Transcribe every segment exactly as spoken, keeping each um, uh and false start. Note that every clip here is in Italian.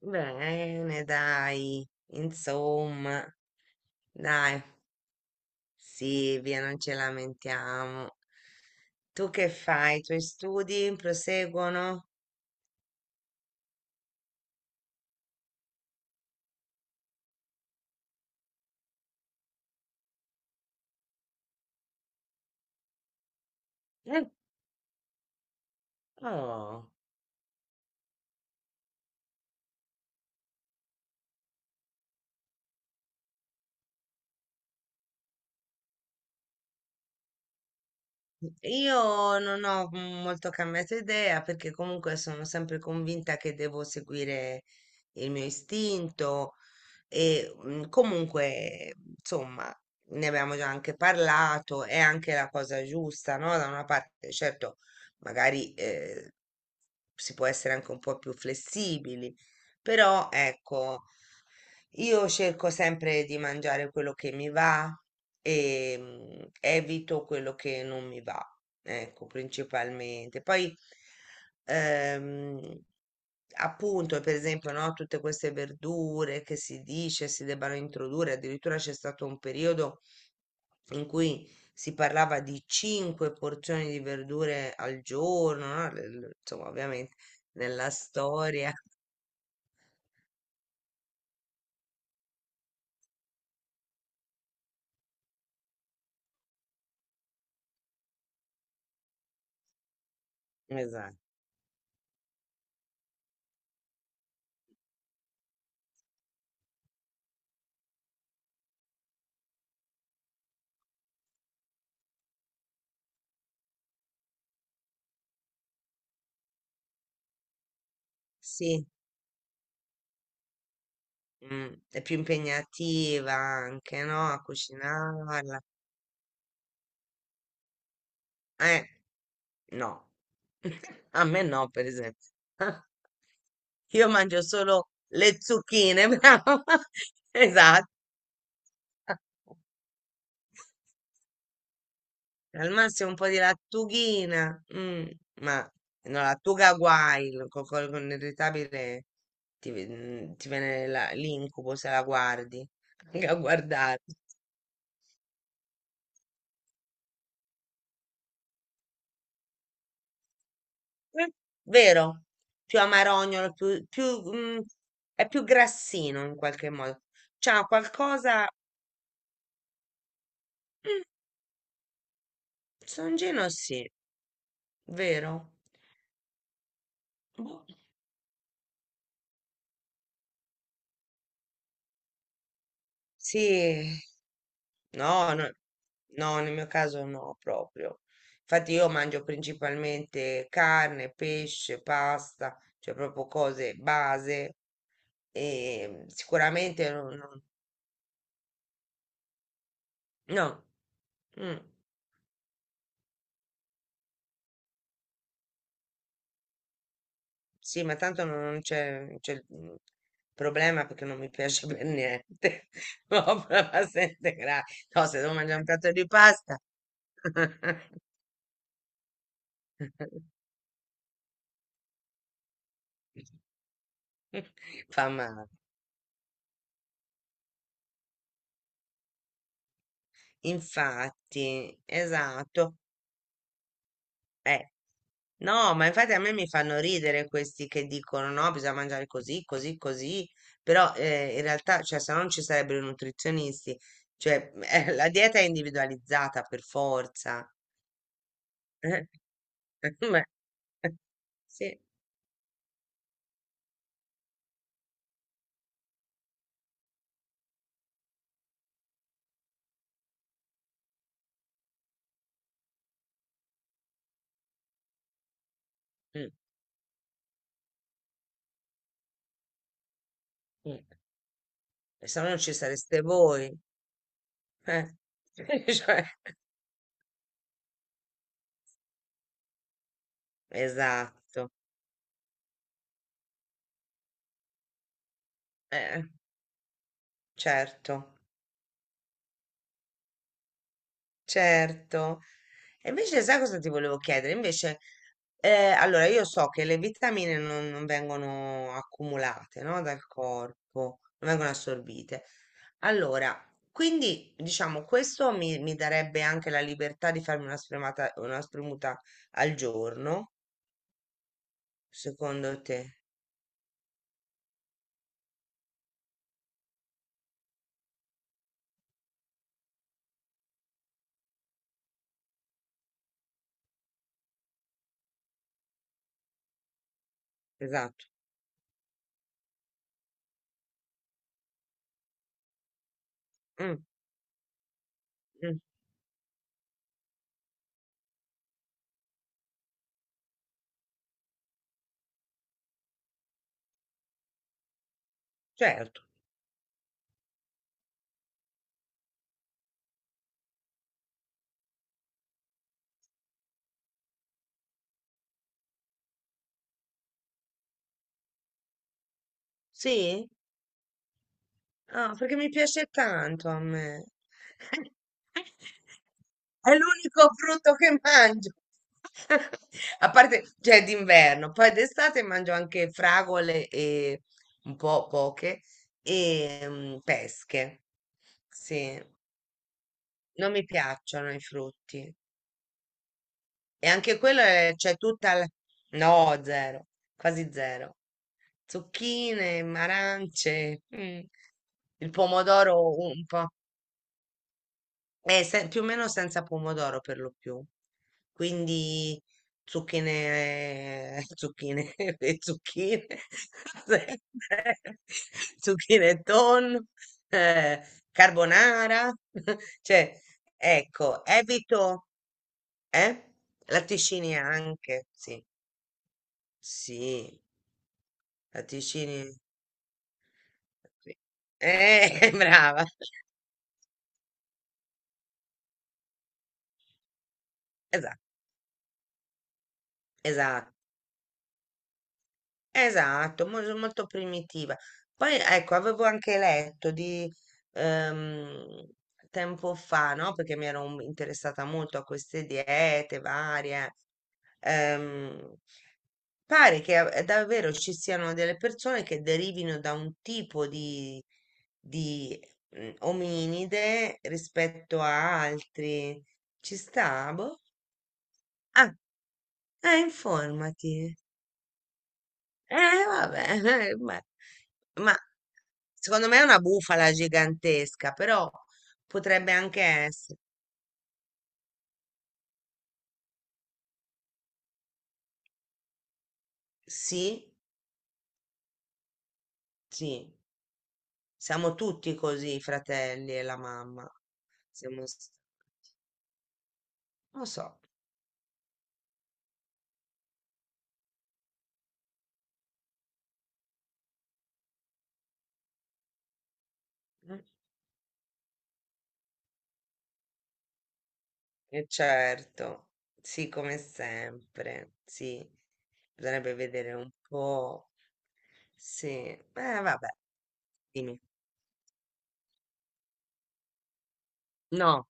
Bene, dai, insomma, dai, Silvia, non ci lamentiamo. Tu che fai? I tuoi studi proseguono? Eh, Oh, io non ho molto cambiato idea perché comunque sono sempre convinta che devo seguire il mio istinto. E mm, comunque, insomma, ne abbiamo già anche parlato, è anche la cosa giusta, no? Da una parte, certo, magari eh, si può essere anche un po' più flessibili, però ecco, io cerco sempre di mangiare quello che mi va e mm, evito quello che non mi va. Ecco, principalmente. Poi, ehm, appunto, per esempio, no, tutte queste verdure che si dice si debbano introdurre, addirittura c'è stato un periodo in cui si parlava di cinque porzioni di verdure al giorno, no? Le- le- Insomma, ovviamente nella storia. Esatto. Sì, mm, è più impegnativa anche, no? A cucinarla. Eh, no. A me no, per esempio. Io mangio solo le zucchine, bravo. Esatto. Al massimo un po' di lattughina, mm, ma no, lattuga guai, lo- co- co- con l'irritabile ti, ve- mm, ti viene la- l'incubo se la guardi, anche a guardare. Vero? Più amarognolo, più, più, mm, è più grassino in qualche modo. C'ha qualcosa... Mm, songino sì, vero? Boh. Sì, no, no, no, nel mio caso no, proprio. Infatti io mangio principalmente carne, pesce, pasta, cioè proprio cose base e sicuramente non- non- no, mm, sì, ma tanto non non c'è non c'è il mm, problema perché non mi piace per niente. No, la pasta integrale. No, se devo mangiare un piatto di pasta fa male. Infatti, esatto. Eh. No, ma infatti a me mi fanno ridere questi che dicono no, bisogna mangiare così, così, così, però eh, in realtà, cioè, se no non ci sarebbero i nutrizionisti, cioè, eh, la dieta è individualizzata per forza. Eh, ma, sì, mm, mm, se no non ci sareste voi. Eh. Cioè, esatto, eh, certo. Certo. E invece sai cosa ti volevo chiedere? Invece, eh, allora io so che le vitamine non, non vengono accumulate, no? Dal corpo, non vengono assorbite. Allora, quindi diciamo questo mi, mi darebbe anche la libertà di farmi una spremata, una spremuta al giorno, secondo te? Esatto. Mm, mm, certo. Sì? Ah, perché mi piace tanto a me. È l'unico frutto che mangio. A parte, cioè, d'inverno, poi d'estate mangio anche fragole e un po' poche e mm, pesche. Sì, non mi piacciono i frutti. E anche quello è, c'è tutta la... No, zero, quasi zero. Zucchine, arance, mm, il pomodoro un po'. È se- Più o meno senza pomodoro per lo più. Quindi zucchine, zucchine, e zucchine, zucchine e tonno, eh, carbonara. Cioè, ecco, evito, eh? Latticini anche, sì, sì, latticini. Sì. Eh, brava, esatto, esatto. Esatto, mol molto primitiva. Poi ecco, avevo anche letto di ehm, tempo fa, no? Perché mi ero un- interessata molto a queste diete varie. ehm, pare che eh, davvero ci siano delle persone che derivino da un tipo di, di mm, ominide rispetto a altri. Ci sta? Boh? Ah, eh, informati. Eh, vabbè, eh, ma, ma secondo me è una bufala gigantesca, però potrebbe anche essere. Sì, sì, siamo tutti così, i fratelli e la mamma. Siamo, s- lo so, eh, eh, certo, sì, come sempre, sì. Bisognerebbe vedere un po'. Sì, eh, vabbè, dimmi. No.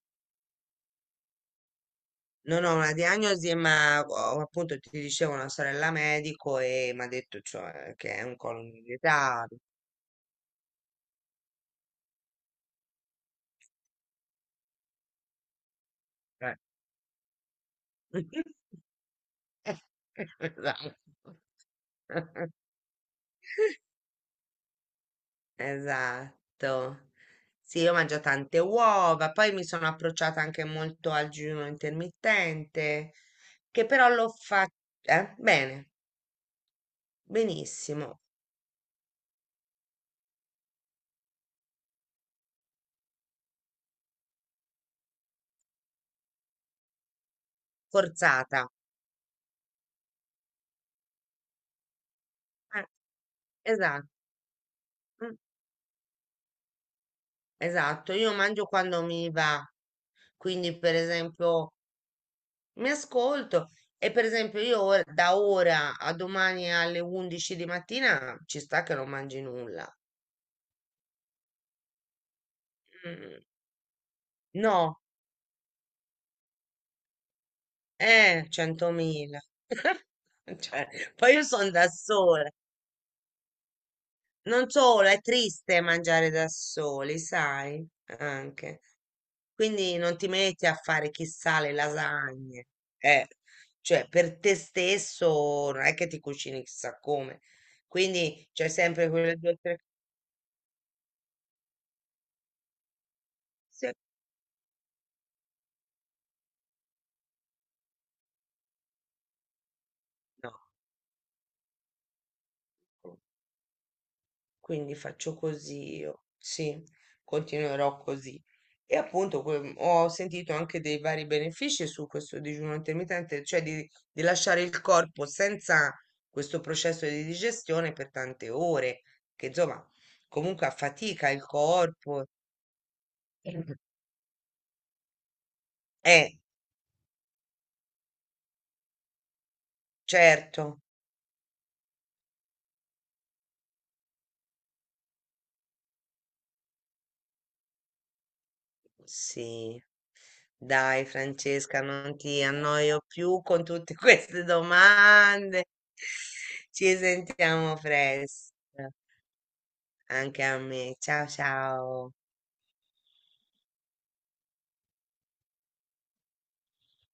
Non ho una diagnosi, ma ho- appunto ti dicevo una sorella medico e mi ha detto cioè, che è un colon irritabile. Eh. Esatto. Esatto. Sì, io mangio tante uova, poi mi sono approcciata anche molto al digiuno intermittente, che però l'ho fatto bene, benissimo, forzata. Eh, esatto, mm, esatto, io mangio quando mi va. Quindi, per esempio, mi ascolto e per esempio io ora- da ora a domani alle undici di mattina ci sta che non mangi nulla. Mm, no, eh, centomila. Cioè, poi io sono da sola. Non solo, è triste mangiare da soli, sai? Anche. Quindi non ti metti a fare chissà le lasagne. Eh, cioè, per te stesso non è che ti cucini chissà come. Quindi c'è sempre quelle due o tre cose. No. Ecco, quindi faccio così io, sì, continuerò così. E appunto que- ho sentito anche dei vari benefici su questo digiuno intermittente, cioè di, di lasciare il corpo senza questo processo di digestione per tante ore, che insomma comunque affatica il corpo. Eh, certo, sì. Dai, Francesca, non ti annoio più con tutte queste domande. Ci sentiamo presto. Anche a me. Ciao ciao.